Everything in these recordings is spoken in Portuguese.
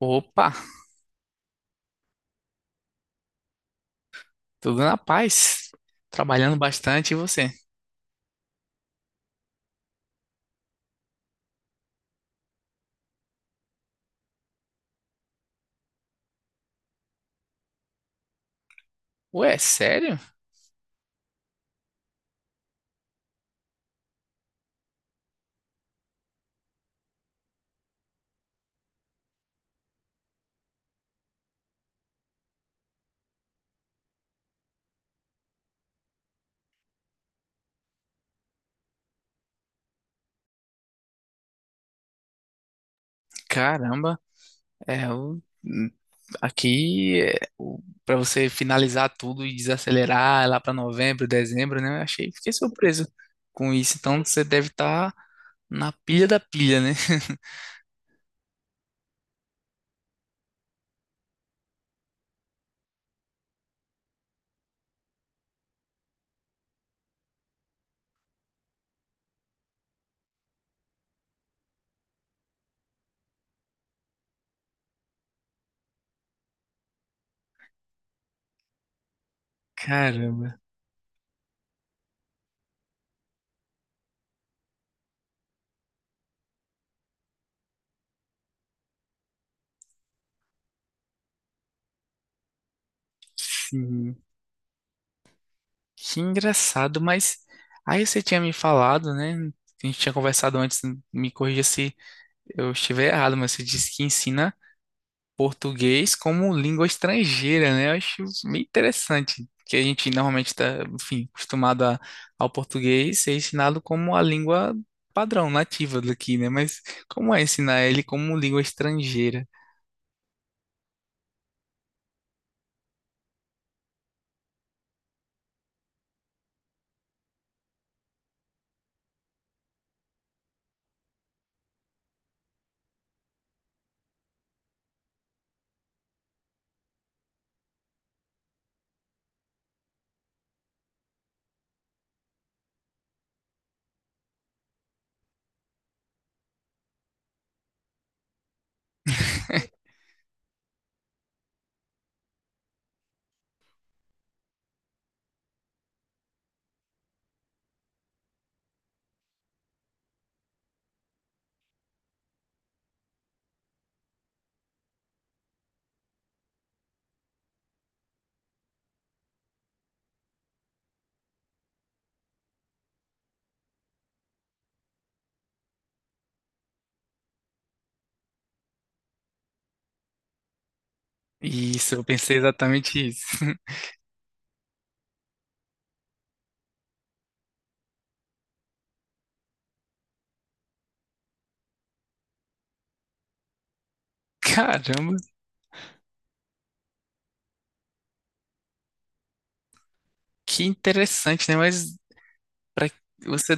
Opa, tudo na paz. Trabalhando bastante, e você? Ué, sério? Caramba, é o aqui é, o- pra você finalizar tudo e desacelerar lá pra novembro, dezembro, né? Eu achei, fiquei surpreso com isso. Então você deve estar na pilha da pilha, né? Caramba, sim. Que engraçado, mas aí você tinha me falado, né? A gente tinha conversado antes, me corrija se eu estiver errado, mas você disse que ensina português como língua estrangeira, né? Eu acho meio interessante, que a gente normalmente está, enfim, acostumado ao português ser ensinado como a língua padrão, nativa daqui, né? Mas como é ensinar ele como língua estrangeira? Isso, eu pensei exatamente isso. Caramba, que interessante, né? Mas para você.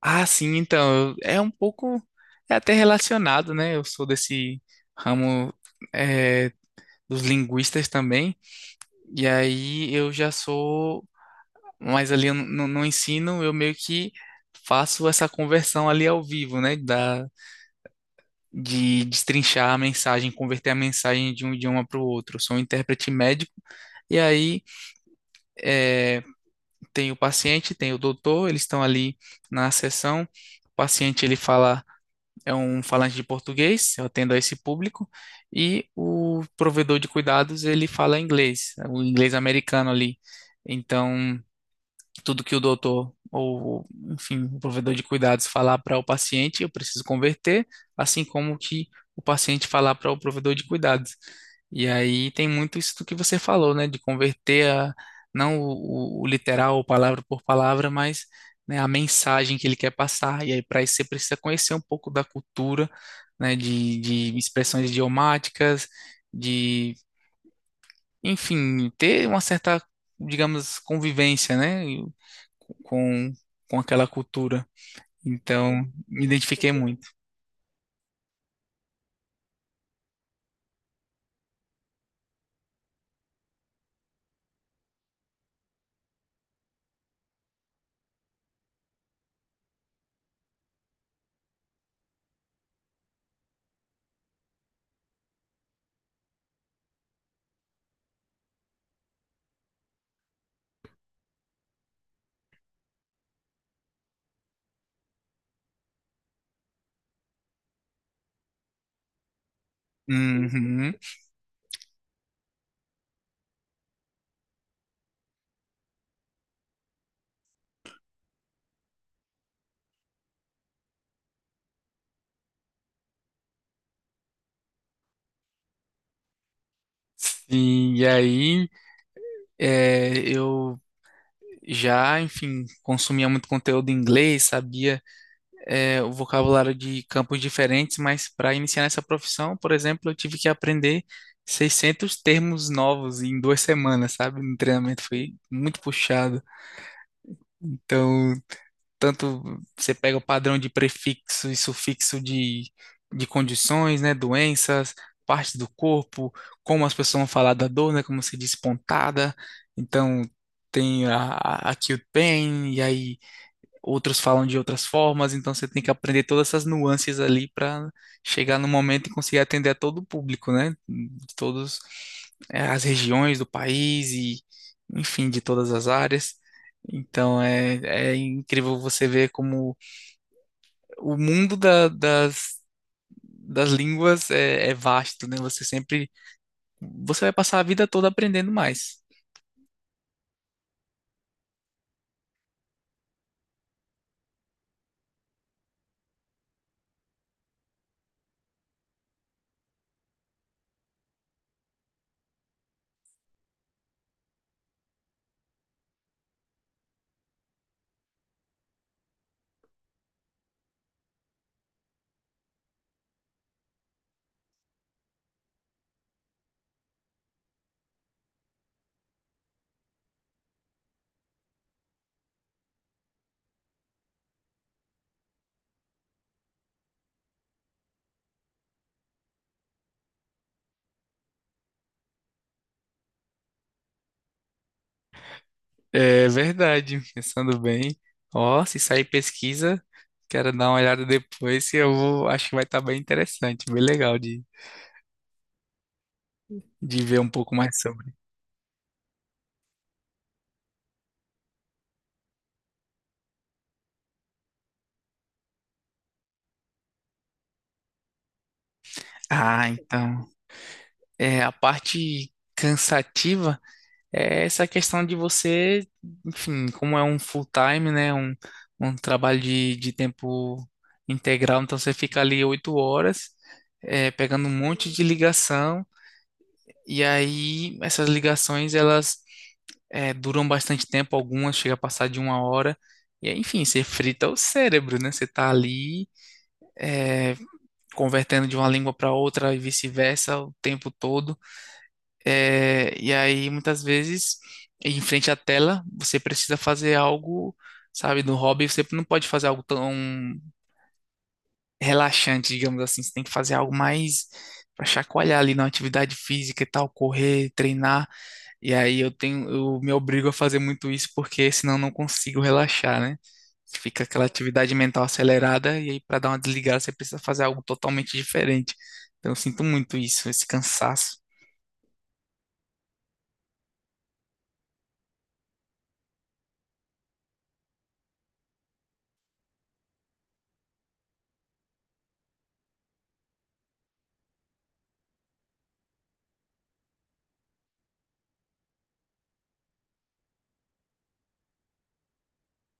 Ah, sim, então, é um pouco. É até relacionado, né? Eu sou desse ramo, eh, dos linguistas também. E aí eu já sou, mas ali no ensino eu meio que faço essa conversão ali ao vivo, né? De destrinchar a mensagem, converter a mensagem de um idioma para o outro. Eu sou um intérprete médico, e aí eh, tem o paciente, tem o doutor, eles estão ali na sessão. O paciente ele fala, é um falante de português, eu atendo a esse público, e o provedor de cuidados ele fala inglês, o inglês americano ali. Então, tudo que o doutor ou, enfim, o provedor de cuidados falar para o paciente, eu preciso converter, assim como que o paciente falar para o provedor de cuidados. E aí tem muito isso do que você falou, né, de converter a, não o literal, palavra por palavra, mas né, a mensagem que ele quer passar. E aí para isso você precisa conhecer um pouco da cultura, né, de expressões idiomáticas, de enfim, ter uma certa, digamos, convivência, né, com, com aquela cultura. Então, me identifiquei muito. Uhum. Sim, e aí é, eu já, enfim, consumia muito conteúdo em inglês, sabia é, o vocabulário de campos diferentes, mas para iniciar nessa profissão, por exemplo, eu tive que aprender 600 termos novos em 2 semanas, sabe? No treinamento foi muito puxado. Então, tanto você pega o padrão de prefixo e sufixo de condições, né, doenças, partes do corpo, como as pessoas vão falar da dor, né, como se diz pontada, então tem a acute pain, e aí outros falam de outras formas, então você tem que aprender todas essas nuances ali para chegar no momento e conseguir atender a todo o público, né? De todas as regiões do país e, enfim, de todas as áreas. Então é, é incrível você ver como o mundo das línguas é, é vasto, né? Você sempre, você vai passar a vida toda aprendendo mais. É verdade, pensando bem. Ó, se sair pesquisa, quero dar uma olhada depois, que eu vou, acho que vai estar bem interessante, bem legal de ver um pouco mais sobre. Ah, então, é, a parte cansativa é essa questão de você, enfim, como é um full time, né, um trabalho de tempo integral, então você fica ali 8 horas, é, pegando um monte de ligação, e aí essas ligações, elas é, duram bastante tempo, algumas chega a passar de 1 hora. E aí, enfim, você frita o cérebro, né? Você tá ali é, convertendo de uma língua para outra e vice-versa o tempo todo. É, e aí, muitas vezes, em frente à tela, você precisa fazer algo, sabe, no hobby, você não pode fazer algo tão relaxante, digamos assim. Você tem que fazer algo mais para chacoalhar ali na atividade física e tal, correr, treinar. E aí eu tenho, eu me obrigo a fazer muito isso porque senão eu não consigo relaxar, né? Fica aquela atividade mental acelerada e aí para dar uma desligada você precisa fazer algo totalmente diferente. Então eu sinto muito isso, esse cansaço.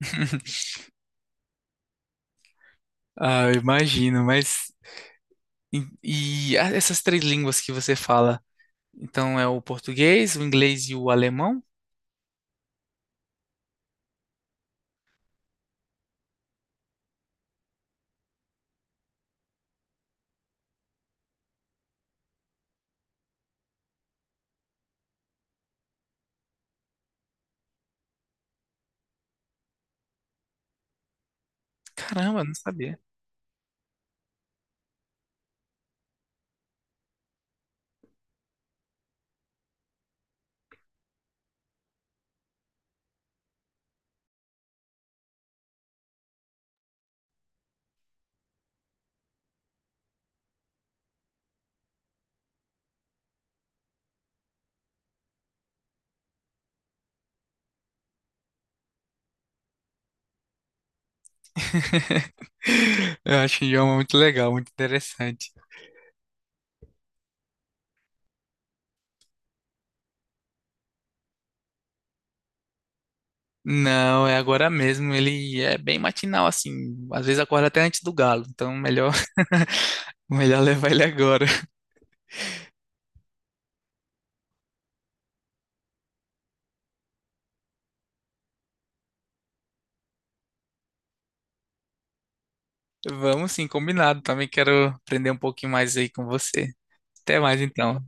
Ah, eu imagino, mas e, essas três línguas que você fala? Então é o português, o inglês e o alemão? Caramba, eu não sabia. Eu acho o idioma muito legal, muito interessante. Não, é agora mesmo. Ele é bem matinal, assim. Às vezes acorda até antes do galo. Então, melhor, melhor levar ele agora. Vamos sim, combinado. Também quero aprender um pouquinho mais aí com você. Até mais então.